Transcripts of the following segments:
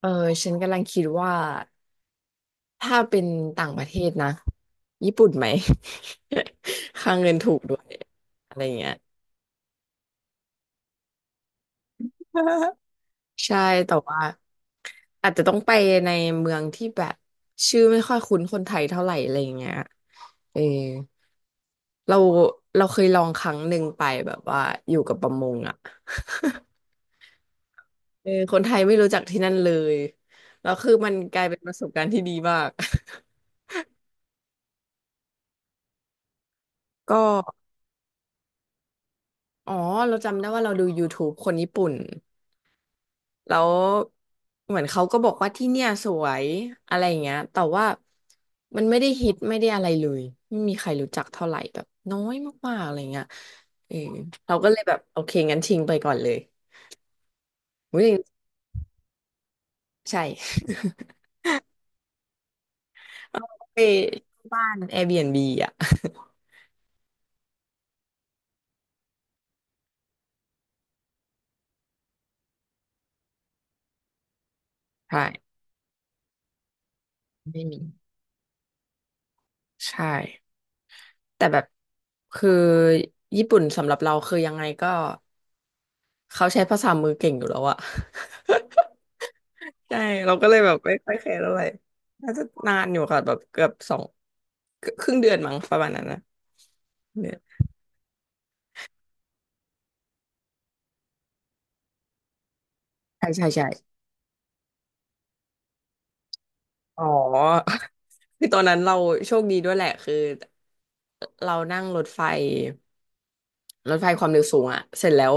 เออฉันกำลังคิดว่าถ้าเป็นต่างประเทศนะญี่ปุ่นไหม ค่าเงินถูกด้วยอะไรเงี้ยใช่แต่ว่าอาจจะต้องไปในเมืองที่แบบชื่อไม่ค่อยคุ้นคนไทยเท่าไหร่อะไรเงี้ยเออเราเราเคยลองครั้งหนึ่งไปแบบว่าอยู่กับประมงอ่ะ เออคนไทยไม่รู้จักที่นั่นเลยแล้วคือมันกลายเป็นประสบการณ์ที่ดีมาก ก็อ๋อเราจำได้ว่าเราดูยูทูบคนญี่ปุ่น แล้วเหมือนเขาก็บอกว่าที่เนี่ยสวยอะไรอย่างเงี้ยแต่ว่ามันไม่ได้ฮิตไม่ได้อะไรเลยไม่มีใครรู้จักเท่าไหร่แบบน้อยมากๆอะไรเงี้ยเออเราก็เลยแบบโอเคงั้นทิ้งไปก่อนเลยอุ๊ยใช่ ไปบ้าน Airbnb อ่ะ ใช่ไม่มีใช่แต่แบบคือญี่ปุ่นสำหรับเราคือยังไงก็เขาใช้ภาษามือเก่งอยู่แล้วอะ ใช่เราก็เลยแบบไม่ค่อยแคร์เท่าไหร่น่าจะนานอยู่ค่ะแบบเกือบสองครึ่งเดือนมั้งประมาณนั้นนะเนี่ยใช่อ๋อ คือตอนนั้นเราโชคดีด้วยแหละคือเรานั่งรถไฟความเร็วสูงอ่ะเสร็จแล้ว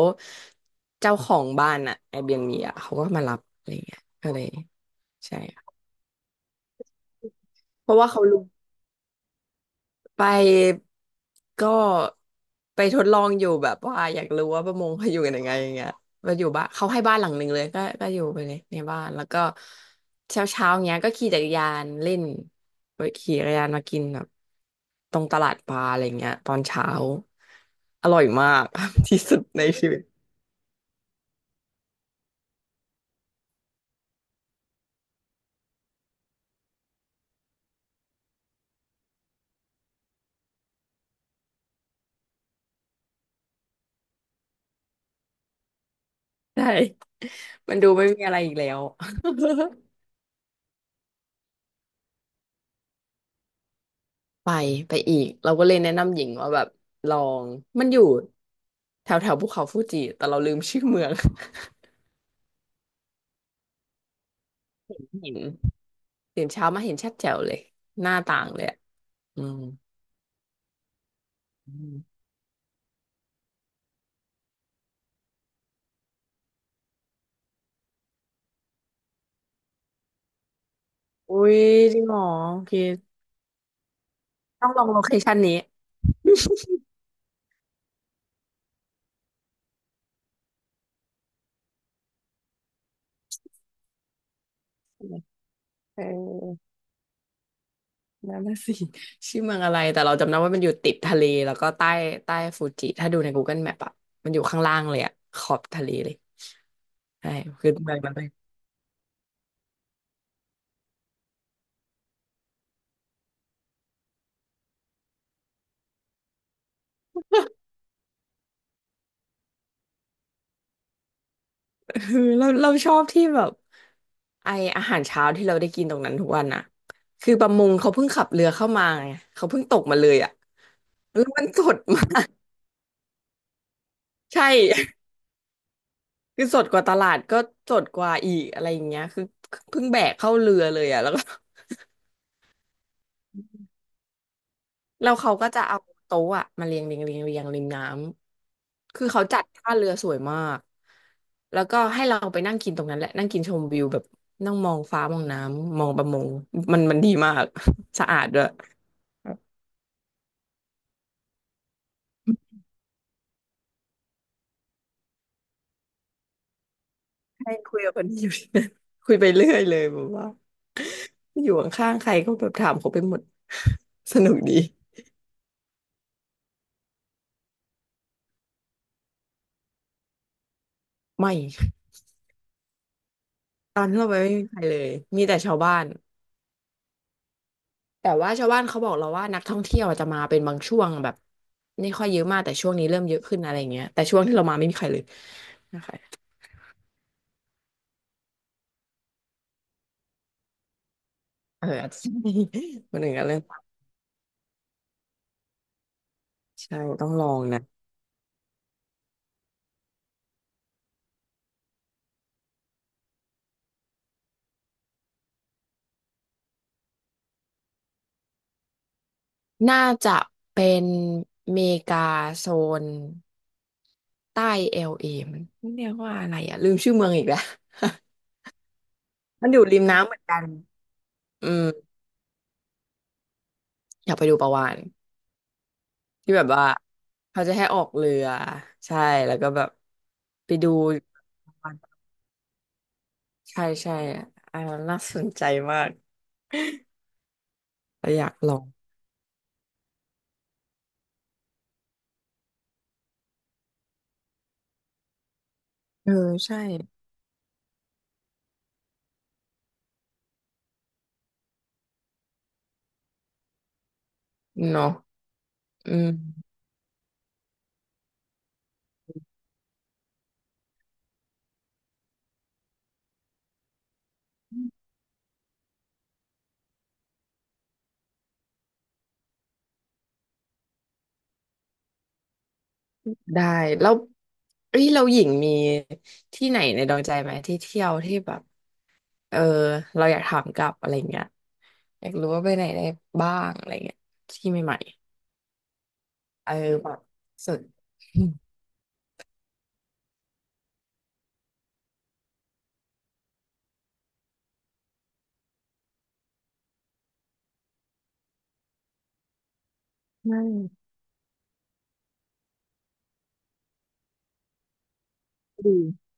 เจ้าของบ้านอ่ะ Airbnb อ่ะเขาก็มารับอะไรเงี้ยก็เลยใช่เพราะว่าเขารู้ ไปก็ไปทดลองอยู่แบบว่าอยากรู้ว่าประมงเขาอยู่กันยังไงอย่างเงี้ยมาอยู่บ้านเขาให้บ้านหลังหนึ่งเลยก็อยู่ไปเลยในบ้านแล้วก็เช้าเช้าเงี้ยก็ขี่จักรยานเล่นไปขี่จักรยานมากินแบบตรงตลาดปลาอะไรเงี้ยตอนเช้าอร่อยมาก ที่สุดในชีวิตใช่มันดูไม่มีอะไรอีกแล้ว ไปไปอีกเราก็เลยแนะนำหญิงว่าแบบลองมันอยู่แถวแถวภูเขาฟูจิแต่เราลืมชื่อเมือง เห็นตื่นเช้ามาเห็นชัดแจ๋วเลยหน้าต่างเลยอะอืมอืมอุ้ยจริงเหรอโอเคต้องลองโลเคชั่นนี้เออนั่นน่ะสิ ชื่อเมืองอะไรแต่เราจำได้ว่ามันอยู่ติดทะเลแล้วก็ใต้ใต้ฟูจิถ้าดูใน Google Map อะมันอยู่ข้างล่างเลยอะขอบทะเลเลยใช่คือเมืองนัน เออเราชอบที่แบบไออาหารเช้าที่เราได้กินตรงนั้นทุกวันน่ะคือประมงเขาเพิ่งขับเรือเข้ามาไงเขาเพิ่งตกมาเลยอ่ะแล้วมันสดมาก ใช่ คือสดกว่าตลาดก็สดกว่าอีกอะไรอย่างเงี้ยคือเพิ่งแบกเข้าเรือเลยอ่ะแล้วก็แล้วเขาก็จะเอาโต๊ะอ่ะมาเรียงริมน้ำคือเขาจัดท่าเรือสวยมากแล้วก็ให้เราไปนั่งกินตรงนั้นแหละนั่งกินชมวิวแบบนั่งมองฟ้ามองน้ำมองประมงมันดีมาก สะอาดด้วย ให้คุยกับคนที่อยู่ คุยไปเรื่อยเลยแบบว่าอยู่ข้างๆใครก็แบบถามเขาไปหมด สนุกดีไม่ตอนที่เราไปไม่มีใครเลยมีแต่ชาวบ้านแต่ว่าชาวบ้านเขาบอกเราว่านักท่องเที่ยวจะมาเป็นบางช่วงแบบไม่ค่อยเยอะมากแต่ช่วงนี้เริ่มเยอะขึ้นอะไรอย่างเงี้ยแต่ช่วงที่เรามาไม่มีใครเลยนะคะเอออาจจะ มันห นึ่งกันเรื่องใช่ต้องลองนะน่าจะเป็นเมกาโซนใต้เอลเอมันเรียกว่าอะไรอ่ะลืมชื่อเมืองอีกแล้ว มันอยู่ริมน้ำเหมือนกันอืมอยากไปดูปลาวาฬที่แบบว่าเขาจะให้ออกเรือใช่แล้วก็แบบไปดูปลาวาฬใช่อ่าน่าสนใจมาก เราอยากลองเออใช่เนาะอืมได้แล้วเอ้ยเราหญิงมีที่ไหนในดวงใจไหมที่เที่ยวที่แบบเออเราอยากถามกลับอะไรเงี้ยอยากรู้ว่าไปไหนได้บ้างอะไรเงี้ยที่ใหม่ๆเออแบบสุดอืมใช่ ดี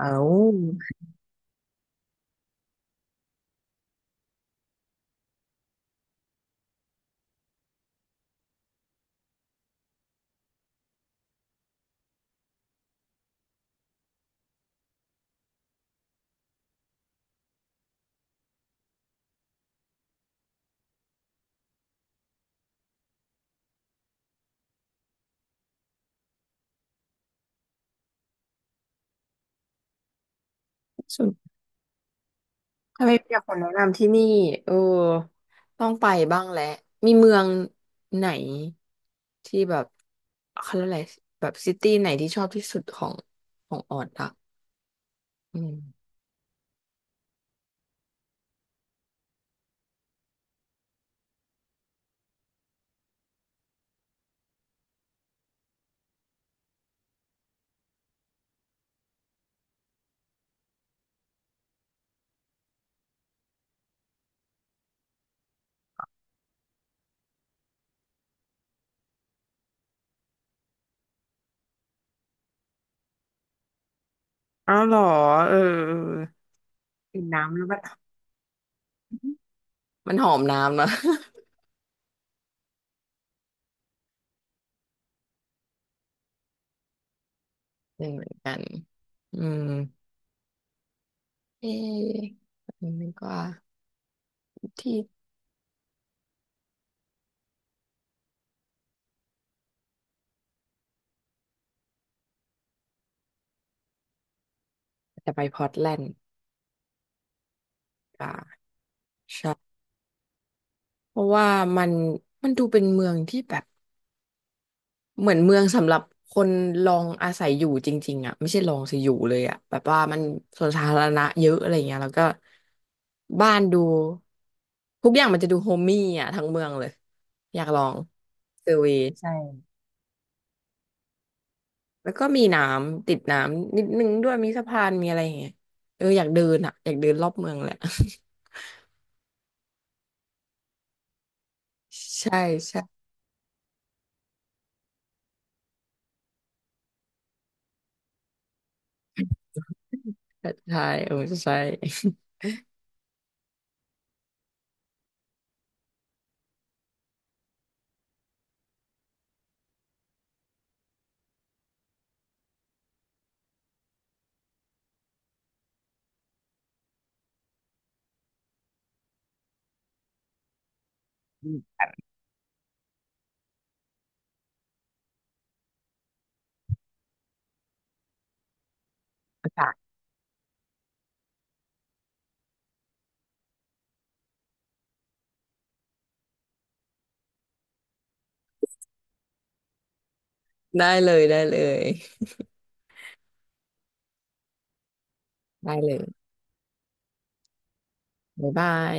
เอาสุดถ้าไม่มีแต่คนแนะนำที่นี่ เออ ต้องไปบ้างแหละมีเมืองไหนที่แบบเขาเรียกอะไรแบบซิตี้ไหนที่ชอบที่สุดของของออดอะอืมอ้าวเหรอเออเออกินน้ำแล้วมันหอมน้ำนะ หนึ่งเหมือนกัน อืมเอ๊ะอันนี้ก็ที่จะไปพอร์ตแลนด์อ่าใช่เพราะว่ามันมันดูเป็นเมืองที่แบบ เหมือนเมืองสำหรับคนลองอาศัยอยู่จริงๆอ่ะไม่ใช่ลองสิอยู่เลยอ่ะแบบว่ามันสวนสาธารณะเยอะอะไรเงี้ยแล้วก็บ้านดูทุกอย่างมันจะดูโฮมมี่อ่ะทั้งเมืองเลยอยากลองเซอร์เวย์ใช่แล้วก็มีน้ำติดน้ำนิดนึงด้วยมีสะพานมีอะไรอย่างเงี้ยเอออยากเดินอ่ะอยากเดินรอบเมืองแหละ ใช่ใช่ใช่เออใช่ อมกาศ ได้เลยได้เลยได้เลยบ๊ายบาย